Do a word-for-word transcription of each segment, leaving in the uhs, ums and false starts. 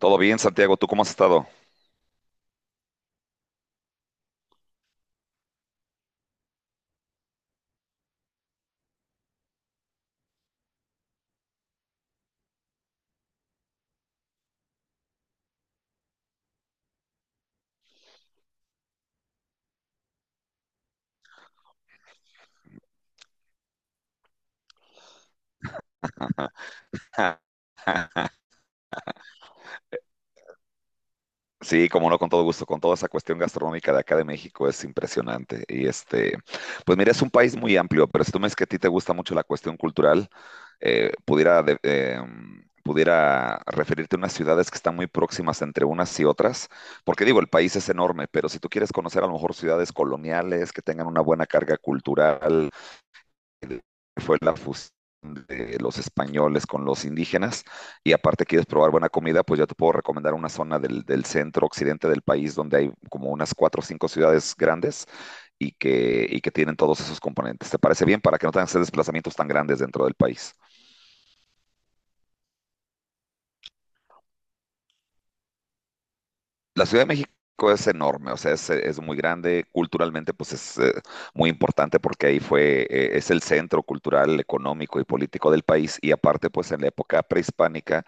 Todo bien, Santiago, ¿tú cómo has estado? Sí, como no, con todo gusto, con toda esa cuestión gastronómica de acá de México es impresionante. Y este, pues mira, es un país muy amplio, pero si tú me dices que a ti te gusta mucho la cuestión cultural, eh, pudiera, de- em, pudiera referirte a unas ciudades que están muy próximas entre unas y otras, porque digo, el país es enorme, pero si tú quieres conocer a lo mejor ciudades coloniales que tengan una buena carga cultural, fue la fusión de los españoles con los indígenas. Y aparte quieres probar buena comida, pues yo te puedo recomendar una zona del, del centro occidente del país donde hay como unas cuatro o cinco ciudades grandes y que, y que tienen todos esos componentes. ¿Te parece bien para que no tengas esos desplazamientos tan grandes dentro del país? La Ciudad de México es enorme, o sea, es, es muy grande. Culturalmente pues es eh, muy importante porque ahí fue, eh, es el centro cultural, económico y político del país, y aparte, pues, en la época prehispánica,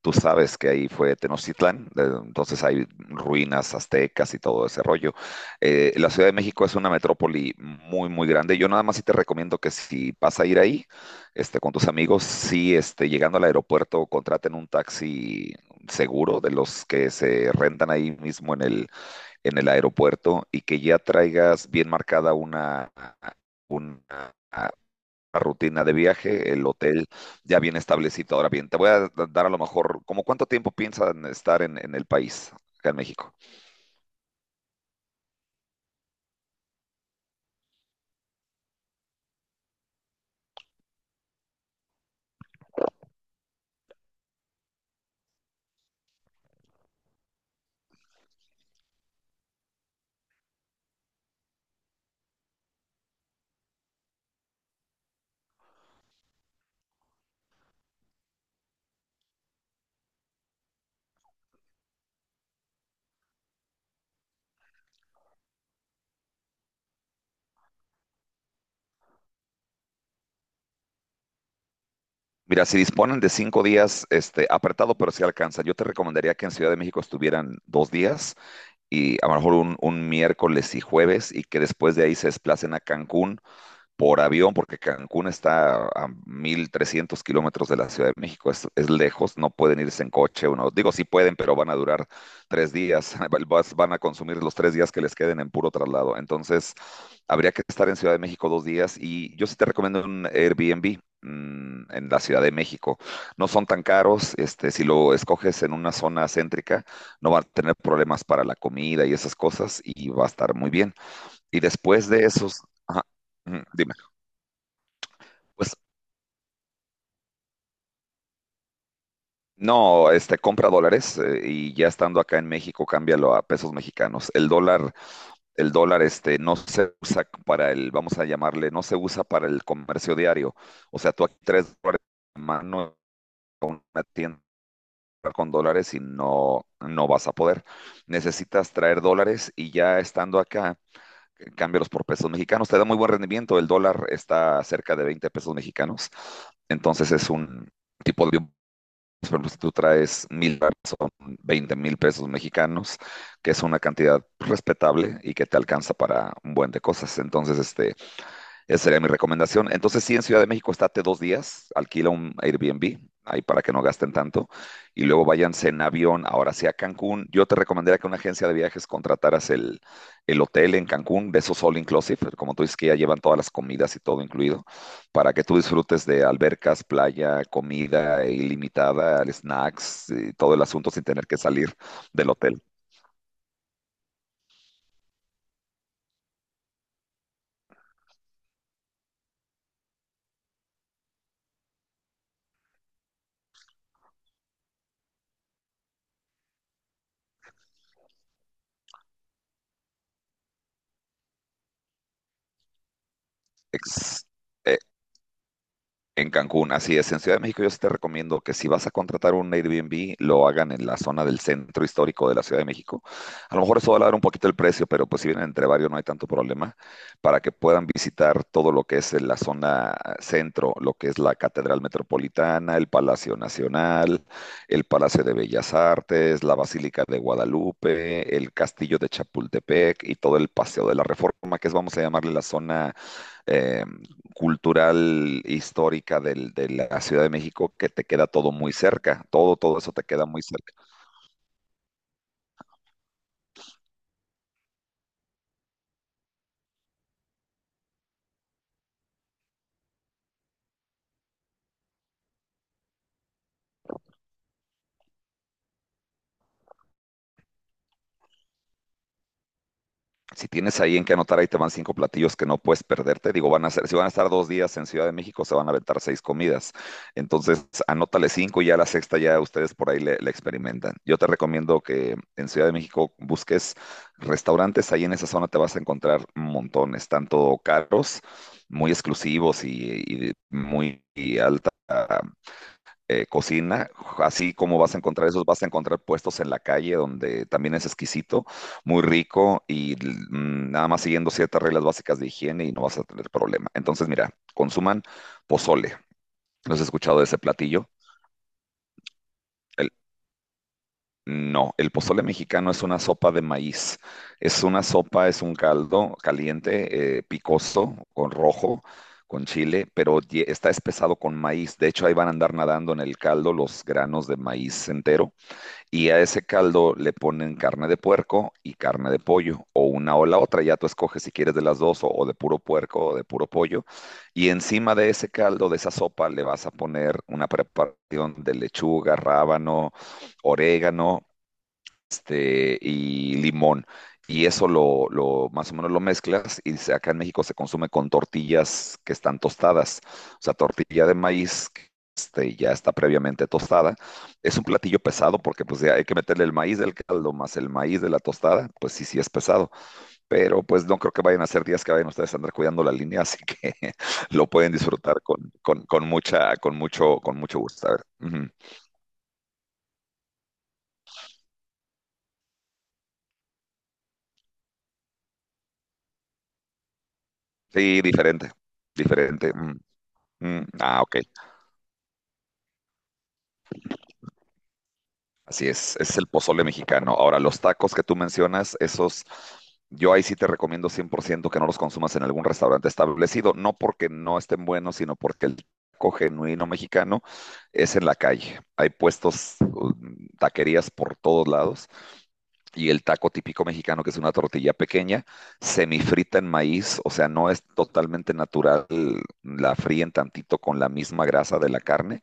tú sabes que ahí fue Tenochtitlán. Eh, entonces hay ruinas aztecas y todo ese rollo. Eh, la Ciudad de México es una metrópoli muy, muy grande. Yo nada más sí te recomiendo que si vas a ir ahí, este, con tus amigos, sí, este, llegando al aeropuerto, contraten un taxi seguro, de los que se rentan ahí mismo en el, en el aeropuerto, y que ya traigas bien marcada una, una, rutina de viaje, el hotel ya bien establecido. Ahora bien, te voy a dar a lo mejor, ¿como cuánto tiempo piensan estar en, en el país? Acá en México. Mira, si disponen de cinco días, este, apretado, pero si sí alcanza. Yo te recomendaría que en Ciudad de México estuvieran dos días, y a lo mejor un, un miércoles y jueves, y que después de ahí se desplacen a Cancún por avión, porque Cancún está a mil trescientos kilómetros de la Ciudad de México. Es, es lejos, no pueden irse en coche. Uno, digo, sí pueden, pero van a durar tres días. val- vas- van a consumir los tres días que les queden en puro traslado. Entonces, habría que estar en Ciudad de México dos días y yo sí te recomiendo un Airbnb mm, en la Ciudad de México. No son tan caros, este, si lo escoges en una zona céntrica, no va a tener problemas para la comida y esas cosas, y va a estar muy bien. Y después de esos, ajá, ujú, dime. Pues no, este, compra dólares eh, y ya estando acá en México, cámbialo a pesos mexicanos. El dólar, el dólar este no se usa para el, vamos a llamarle, no se usa para el comercio diario. O sea, tú aquí, tres dólares en la mano en una tienda con dólares, y no, no vas a poder. Necesitas traer dólares y ya estando acá, eh, cámbialos por pesos mexicanos. Te da muy buen rendimiento. El dólar está cerca de veinte pesos mexicanos. Entonces, es un tipo de, por ejemplo, si tú traes mil dólares, son 20 mil pesos mexicanos, que es una cantidad respetable y que te alcanza para un buen de cosas. Entonces, este, esa sería mi recomendación. Entonces, sí, en Ciudad de México estate dos días, alquila un Airbnb ahí para que no gasten tanto, y luego váyanse en avión ahora sí a Cancún. Yo te recomendaría que una agencia de viajes contrataras el, el hotel en Cancún, de esos all inclusive, como tú dices, que ya llevan todas las comidas y todo incluido, para que tú disfrutes de albercas, playa, comida e ilimitada, snacks y todo el asunto sin tener que salir del hotel. Ex- eh, En Cancún, así es. En Ciudad de México yo sí te recomiendo que si vas a contratar un Airbnb, lo hagan en la zona del centro histórico de la Ciudad de México. A lo mejor eso va a elevar un poquito el precio, pero pues si vienen entre varios no hay tanto problema, para que puedan visitar todo lo que es en la zona centro, lo que es la Catedral Metropolitana, el Palacio Nacional, el Palacio de Bellas Artes, la Basílica de Guadalupe, el Castillo de Chapultepec y todo el Paseo de la Reforma, que es, vamos a llamarle, la zona eh, cultural histórica del- de la Ciudad de México, que te queda todo muy cerca, todo, todo eso te queda muy cerca. Si tienes ahí en qué anotar, ahí te van cinco platillos que no puedes perderte. Digo, van a ser, si van a estar dos días en Ciudad de México, se van a aventar seis comidas. Entonces, anótale cinco y ya la sexta ya ustedes por ahí le, le experimentan. Yo te recomiendo que en Ciudad de México busques restaurantes. Ahí en esa zona te vas a encontrar montones, tanto caros, muy exclusivos y, y muy y alta eh, cocina, así como vas a encontrar esos, vas a encontrar puestos en la calle donde también es exquisito, muy rico, y mm, nada más siguiendo ciertas reglas básicas de higiene, y no vas a tener problema. Entonces, mira, consuman pozole. ¿No has escuchado de ese platillo? El- no, el pozole mexicano es una sopa de maíz. Es una sopa, es un caldo caliente, eh, picoso, con rojo, con chile, pero ye- está espesado con maíz. De hecho, ahí van a andar nadando en el caldo los granos de maíz entero. Y a ese caldo le ponen carne de puerco y carne de pollo, o una o la otra, ya tú escoges si quieres de las dos, o, o de puro puerco o de puro pollo. Y encima de ese caldo, de esa sopa, le vas a poner una preparación de lechuga, rábano, orégano, este, y limón. Y eso lo, lo- más o menos lo mezclas y se- acá en México se consume con tortillas que están tostadas. O sea, tortilla de maíz que, este, ya está previamente tostada. Es un platillo pesado, porque pues ya hay que meterle el maíz del caldo más el maíz de la tostada. Pues sí, sí es pesado. Pero pues no creo que vayan a ser días que vayan ustedes a andar cuidando la línea, así que lo pueden disfrutar con, con, con mucha, con mucho, con mucho gusto. A ver. Ujú. Sí, diferente, diferente. Mm, mm, ah, ok. Así es, ese es el pozole mexicano. Ahora, los tacos que tú mencionas, esos, yo ahí sí te recomiendo cien por ciento que no los consumas en algún restaurante establecido, no porque no estén buenos, sino porque el taco genuino mexicano es en la calle. Hay puestos, um, taquerías por todos lados, y el taco típico mexicano, que es una tortilla pequeña, semifrita en maíz, o sea, no es totalmente natural, la fríen tantito con la misma grasa de la carne,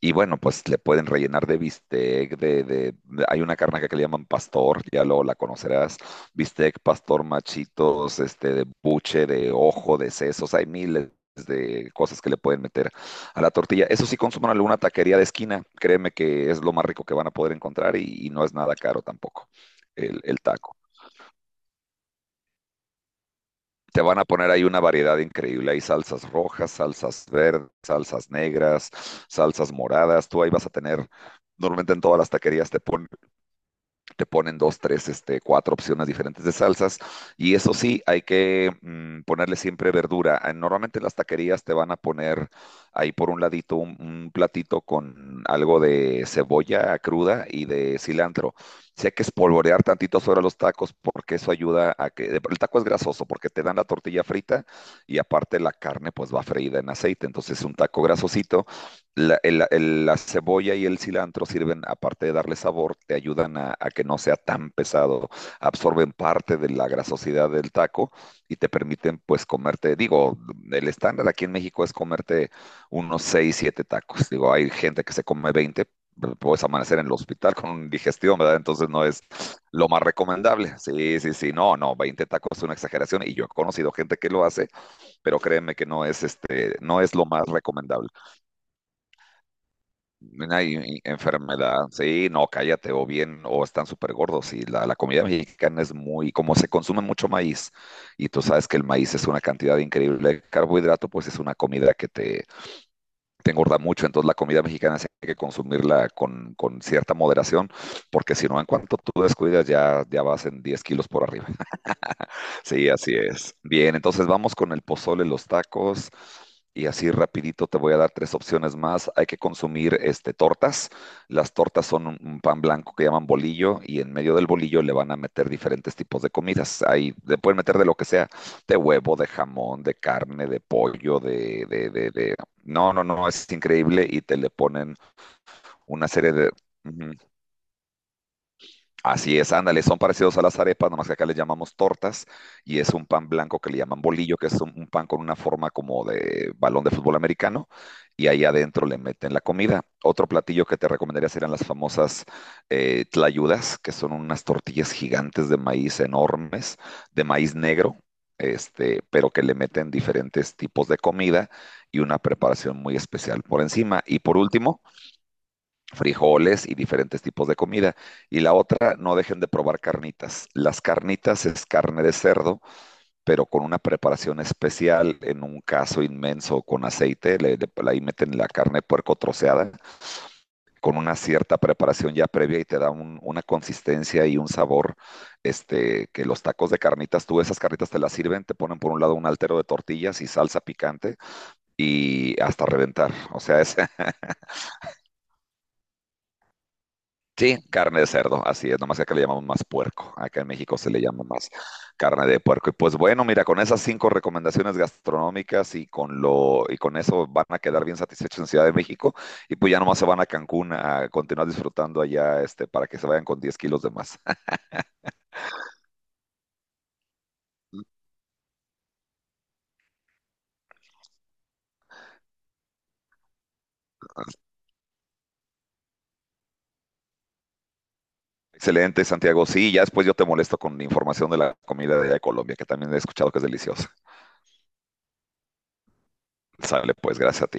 y bueno, pues le pueden rellenar de bistec, de, de- de- hay una carne acá que le llaman pastor, ya luego la conocerás, bistec, pastor, machitos, este, de buche, de ojo, de sesos, hay miles de cosas que le pueden meter a la tortilla. Eso sí, consuman alguna taquería de esquina, créeme que es lo más rico que van a poder encontrar, y, y no es nada caro tampoco el, el taco. Te van a poner ahí una variedad increíble. Hay salsas rojas, salsas verdes, salsas negras, salsas moradas. Tú ahí vas a tener, normalmente en todas las taquerías te ponen te ponen dos, tres, este, cuatro opciones diferentes de salsas. Y eso sí, hay que mm, ponerle siempre verdura. Eh, Normalmente en las taquerías te van a poner ahí por un ladito un, un platito con algo de cebolla cruda y de cilantro. Sí hay que espolvorear tantito sobre los tacos, porque eso ayuda a que... El taco es grasoso porque te dan la tortilla frita y aparte la carne pues va freída en aceite. Entonces es un taco grasosito. La, el- el- la cebolla y el cilantro sirven, aparte de darle sabor, te ayudan a, a que no sea tan pesado, absorben parte de la grasosidad del taco, y te permiten pues comerte, digo, el estándar aquí en México es comerte unos seis siete tacos. Digo, hay gente que se come veinte, pero puedes amanecer en el hospital con digestión, ¿verdad? Entonces no es lo más recomendable. Sí, sí, sí, no, no, veinte tacos es una exageración, y yo he conocido gente que lo hace, pero créeme que no es, este, no es lo más recomendable. Una i- enfermedad, sí, no, cállate, o bien, o están súper gordos. Y la, la comida mexicana es muy, como se consume mucho maíz, y tú sabes que el maíz es una cantidad increíble de carbohidrato, pues es una comida que te, te engorda mucho. Entonces, la comida mexicana sí hay que consumirla con, con cierta moderación, porque si no, en cuanto tú descuidas, ya, ya vas en diez kilos por arriba. Sí, así es. Bien, entonces vamos con el pozole, los tacos, y así rapidito te voy a dar tres opciones más. Hay que consumir, este, tortas. Las tortas son un, un pan blanco que llaman bolillo, y en medio del bolillo le van a meter diferentes tipos de comidas. Ahí le pueden meter de lo que sea, de huevo, de jamón, de carne, de pollo, de, de, de, de- no, no, no, es increíble, y te le ponen una serie de... Ujú. Así es, ándale, son parecidos a las arepas, nomás que acá les llamamos tortas, y es un pan blanco que le llaman bolillo, que es un, un pan con una forma como de balón de fútbol americano, y ahí adentro le meten la comida. Otro platillo que te recomendaría serían las famosas eh, tlayudas, que son unas tortillas gigantes de maíz enormes, de maíz negro, este, pero que le meten diferentes tipos de comida y una preparación muy especial por encima. Y por último, frijoles y diferentes tipos de comida. Y la otra, no dejen de probar carnitas. Las carnitas es carne de cerdo, pero con una preparación especial, en un caso inmenso con aceite, le, le- ahí meten la carne de puerco troceada, con una cierta preparación ya previa, y te da un- una consistencia y un sabor, este, que los tacos de carnitas, tú esas carnitas te las sirven, te ponen por un lado un altero de tortillas y salsa picante, y hasta reventar. O sea, es... Sí, carne de cerdo, así es, nomás que acá le llamamos más puerco, acá en México se le llama más carne de puerco. Y pues bueno, mira, con esas cinco recomendaciones gastronómicas y con lo, y con eso van a quedar bien satisfechos en Ciudad de México, y pues ya nomás se van a Cancún a continuar disfrutando allá, este, para que se vayan con diez kilos de más. Excelente, Santiago. Sí, ya después yo te molesto con información de la comida de allá de Colombia, que también he escuchado que es deliciosa. Sale, pues, gracias a ti.